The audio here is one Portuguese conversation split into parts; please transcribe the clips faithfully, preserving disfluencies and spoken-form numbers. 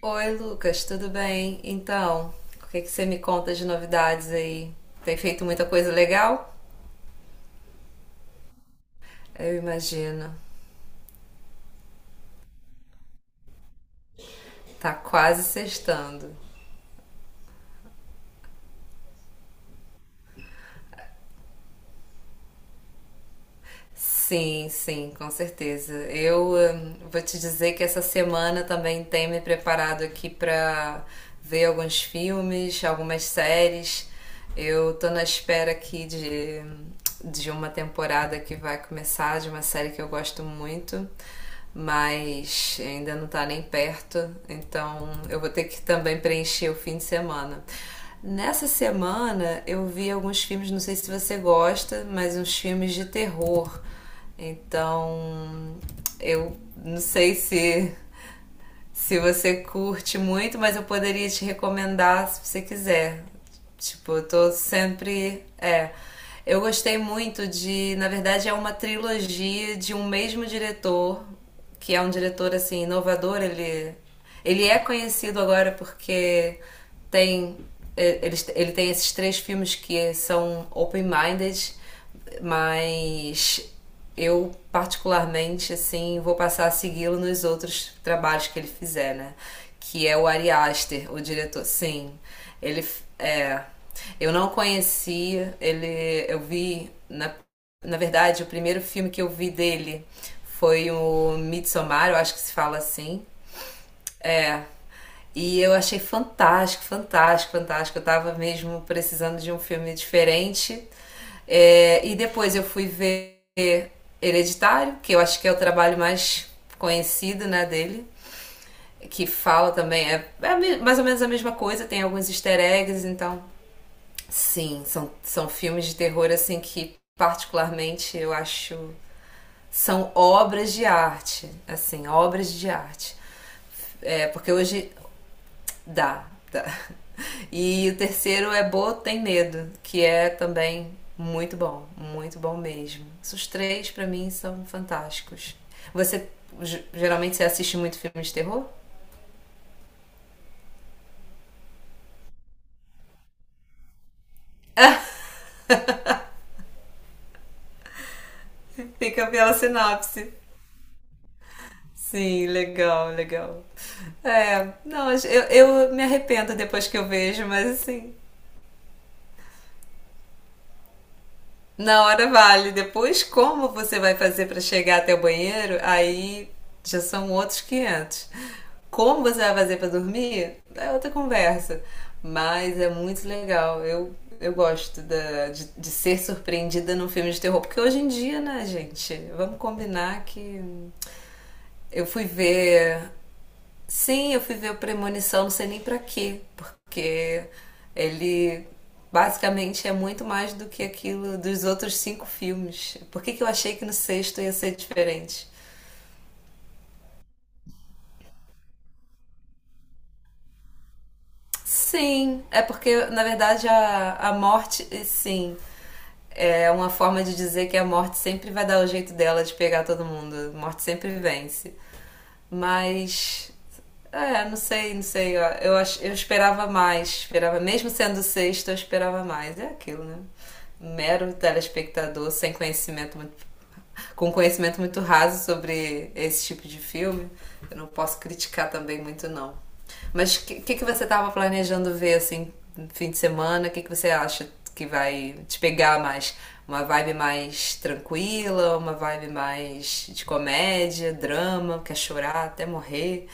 Oi, Lucas, tudo bem? Então, o que é que você me conta de novidades aí? Tem feito muita coisa legal? Eu imagino. Tá quase sextando. Sim, sim, com certeza. Eu hum, vou te dizer que essa semana também tem me preparado aqui pra ver alguns filmes, algumas séries. Eu tô na espera aqui de, de uma temporada que vai começar, de uma série que eu gosto muito. Mas ainda não está nem perto, então eu vou ter que também preencher o fim de semana. Nessa semana eu vi alguns filmes, não sei se você gosta, mas uns filmes de terror. Então, eu não sei se se você curte muito, mas eu poderia te recomendar se você quiser. Tipo, eu tô sempre. É. Eu gostei muito de. Na verdade, é uma trilogia de um mesmo diretor, que é um diretor assim, inovador. Ele, ele é conhecido agora porque tem. Ele, ele tem esses três filmes que são open-minded, mas eu, particularmente, assim, vou passar a segui-lo nos outros trabalhos que ele fizer, né? Que é o Ari Aster, o diretor. Sim, ele é. Eu não conhecia, ele. Eu vi, na, na verdade, o primeiro filme que eu vi dele foi o Midsommar, eu acho que se fala assim. E eu achei fantástico, fantástico, fantástico. Eu tava mesmo precisando de um filme diferente. É, e depois eu fui ver Hereditário, que eu acho que é o trabalho mais conhecido, né, dele, que fala também, é, é mais ou menos a mesma coisa, tem alguns easter eggs, então, sim, são, são filmes de terror, assim, que particularmente eu acho, são obras de arte, assim, obras de arte, é, porque hoje dá. E o terceiro é Bo Tem Medo, que é também muito bom, muito bom mesmo. Esses três pra mim são fantásticos. Você Geralmente você assiste muito filme de terror? Fica pela sinopse. Sim, legal, legal. É, não, eu, eu me arrependo depois que eu vejo, mas assim, na hora vale. Depois, como você vai fazer para chegar até o banheiro? Aí já são outros quinhentos. Como você vai fazer para dormir? É outra conversa. Mas é muito legal. Eu, eu gosto da- de, de ser surpreendida num filme de terror. Porque hoje em dia, né, gente? Vamos combinar que. Eu fui ver Sim, eu fui ver o Premonição, não sei nem pra quê, porque ele basicamente é muito mais do que aquilo dos outros cinco filmes. Por que que eu achei que no sexto ia ser diferente? Sim, é porque na verdade a, a morte, sim, é uma forma de dizer que a morte sempre vai dar o jeito dela de pegar todo mundo. A morte sempre vence. Mas, é, não sei, não sei. Ó, Eu, ach- eu esperava mais. Esperava, mesmo sendo sexta, eu esperava mais. É aquilo, né? Mero telespectador sem conhecimento muito. Com conhecimento muito raso sobre esse tipo de filme, eu não posso criticar também muito, não. Mas o que, que, que você estava planejando ver assim, no fim de semana? O que, que você acha que vai te pegar mais? Uma vibe mais tranquila, uma vibe mais de comédia, drama, quer chorar até morrer.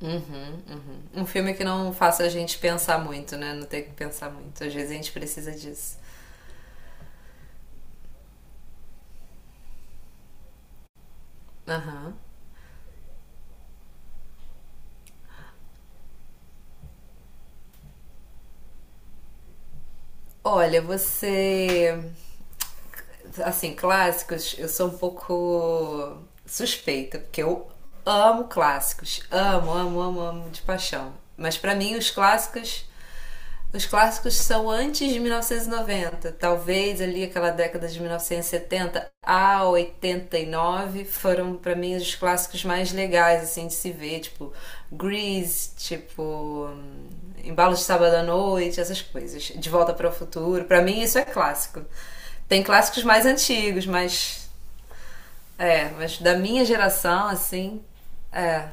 Uhum, uhum. Um filme que não faça a gente pensar muito, né? Não tem que pensar muito. Às vezes a gente precisa disso. Aham. Olha, você assim, clássicos, eu sou um pouco suspeita, porque eu amo clássicos. Amo, amo, amo, amo de paixão. Mas pra mim, os clássicos os clássicos são antes de mil novecentos e noventa, talvez ali aquela década de mil novecentos e setenta a oitenta e nove, foram para mim os clássicos mais legais assim de se ver, tipo Grease, tipo Embalo de Sábado à Noite, essas coisas. De Volta para o Futuro, para mim isso é clássico. Tem clássicos mais antigos, mas é, mas da minha geração assim, é,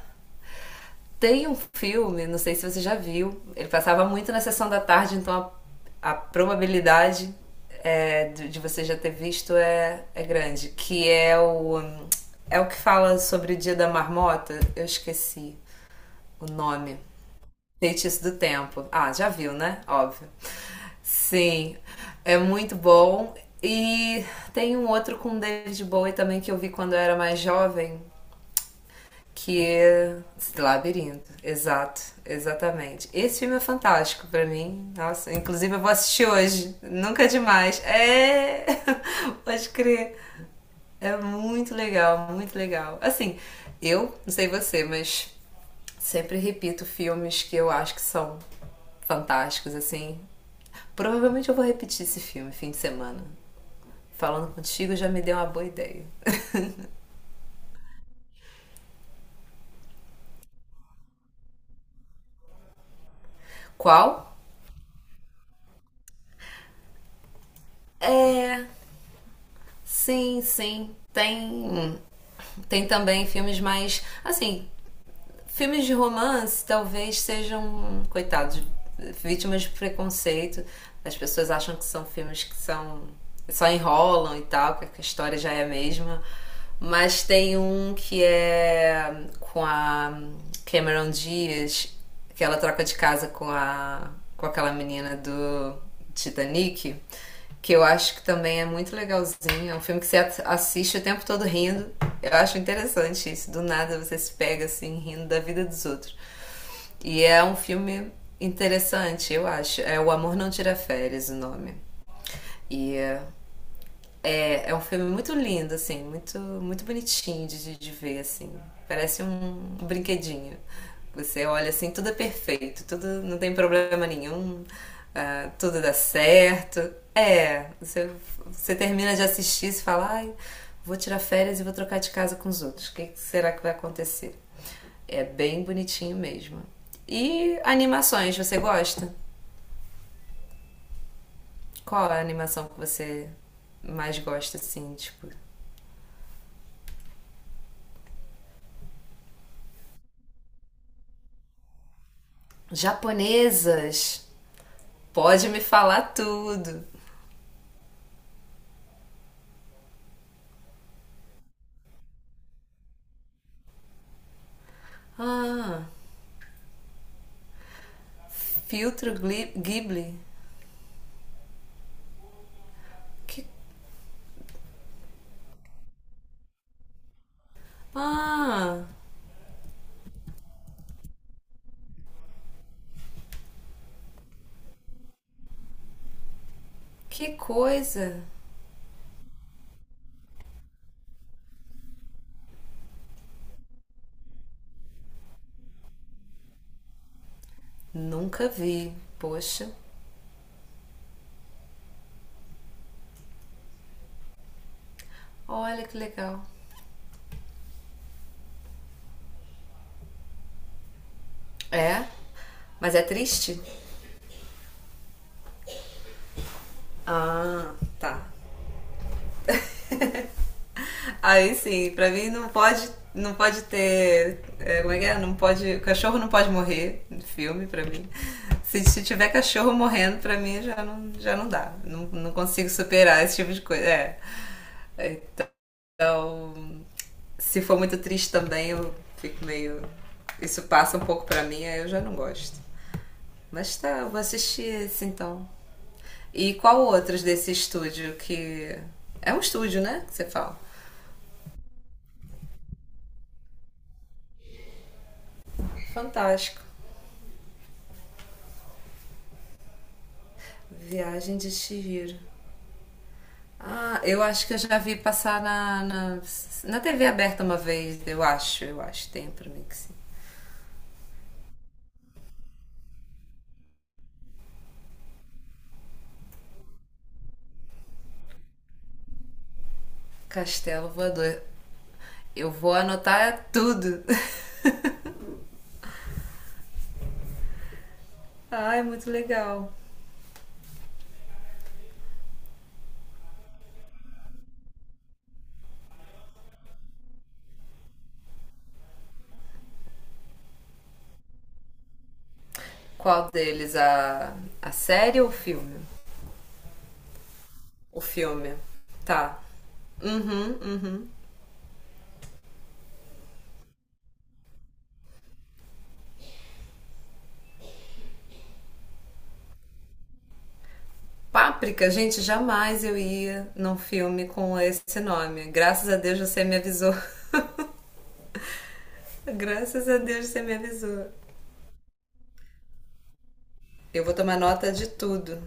tem um filme, não sei se você já viu, ele passava muito na sessão da tarde, então a, a probabilidade é, de, de você já ter visto é, é grande. Que é o. É o que fala sobre o dia da marmota? Eu esqueci o nome. Feitiço do Tempo. Ah, já viu, né? Óbvio. Sim, é muito bom. E tem um outro com David Bowie também que eu vi quando eu era mais jovem, que é esse Labirinto, exato, exatamente. Esse filme é fantástico pra mim. Nossa, inclusive eu vou assistir hoje. Nunca é demais. É, pode crer. É muito legal, muito legal. Assim, eu não sei você, mas sempre repito filmes que eu acho que são fantásticos, assim. Provavelmente eu vou repetir esse filme fim de semana. Falando contigo já me deu uma boa ideia. Qual? É, sim, sim. Tem um. Tem também filmes mais. Assim, filmes de romance talvez sejam, coitados, vítimas de preconceito. As pessoas acham que são filmes que são, só enrolam e tal, que a história já é a mesma. Mas tem um que é com a Cameron Diaz, que ela troca de casa com a com aquela menina do Titanic, que eu acho que também é muito legalzinho. É um filme que você assiste o tempo todo rindo. Eu acho interessante isso. Do nada você se pega assim rindo da vida dos outros. E é um filme interessante, eu acho. É O Amor Não Tira Férias, o nome. E é, é, é um filme muito lindo, assim, muito, muito bonitinho de, de ver, assim. Parece um um brinquedinho. Você olha assim, tudo é perfeito, tudo não tem problema nenhum, ah, tudo dá certo. É, você, você termina de assistir e fala, ai, vou tirar férias e vou trocar de casa com os outros. O que que será que vai acontecer? É bem bonitinho mesmo. E animações, você gosta? Qual a animação que você mais gosta, assim, tipo, japonesas, pode me falar tudo. Ah, filtro Ghibli. Que... Ah, que coisa. Nunca vi. Poxa, olha que legal. É? Mas é triste? Ah, tá. Aí sim, pra mim não pode, não pode ter. É, como é que é? Não pode. O cachorro não pode morrer no filme, pra mim. Se, se tiver cachorro morrendo, pra mim já não, já não dá. Não, não consigo superar esse tipo de coisa. É. Então, se for muito triste também, eu fico meio. Isso passa um pouco pra mim, aí eu já não gosto. Mas tá, eu vou assistir esse então. E qual outros desse estúdio que. É um estúdio, né? Que você fala. Fantástico. Viagem de Chihiro. Ah, eu acho que eu já vi passar na, na, na T V aberta uma vez, eu acho, eu acho, tem pra mim que sim. Castelo Voador. Eu vou anotar tudo. Ah, é muito legal. Qual deles? A, a série ou o filme? O filme. Tá. Uhum, uhum. Páprica, gente, jamais eu ia num filme com esse nome. Graças a Deus você me avisou. Graças a Deus você me avisou. Eu vou tomar nota de tudo.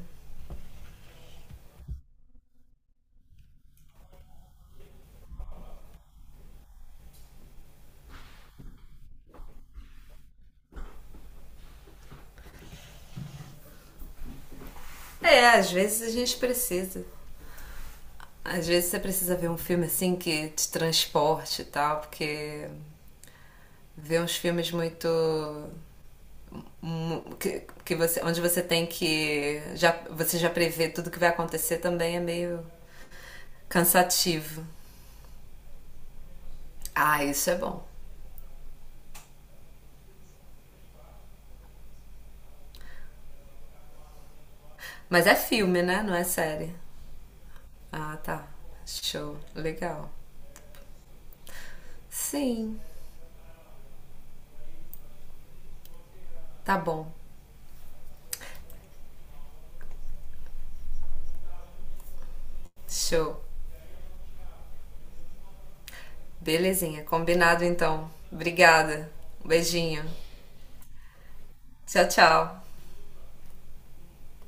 É, às vezes a gente precisa. Às vezes você precisa ver um filme assim que te transporte e tal, porque ver uns filmes muito mu- que, que você, onde você tem que já você já prevê tudo que vai acontecer também é meio cansativo. Ah, isso é bom. Mas é filme, né? Não é série. Ah, tá. Show. Legal. Sim. Tá bom. Show. Belezinha. Combinado então. Obrigada. Um beijinho. Tchau, tchau.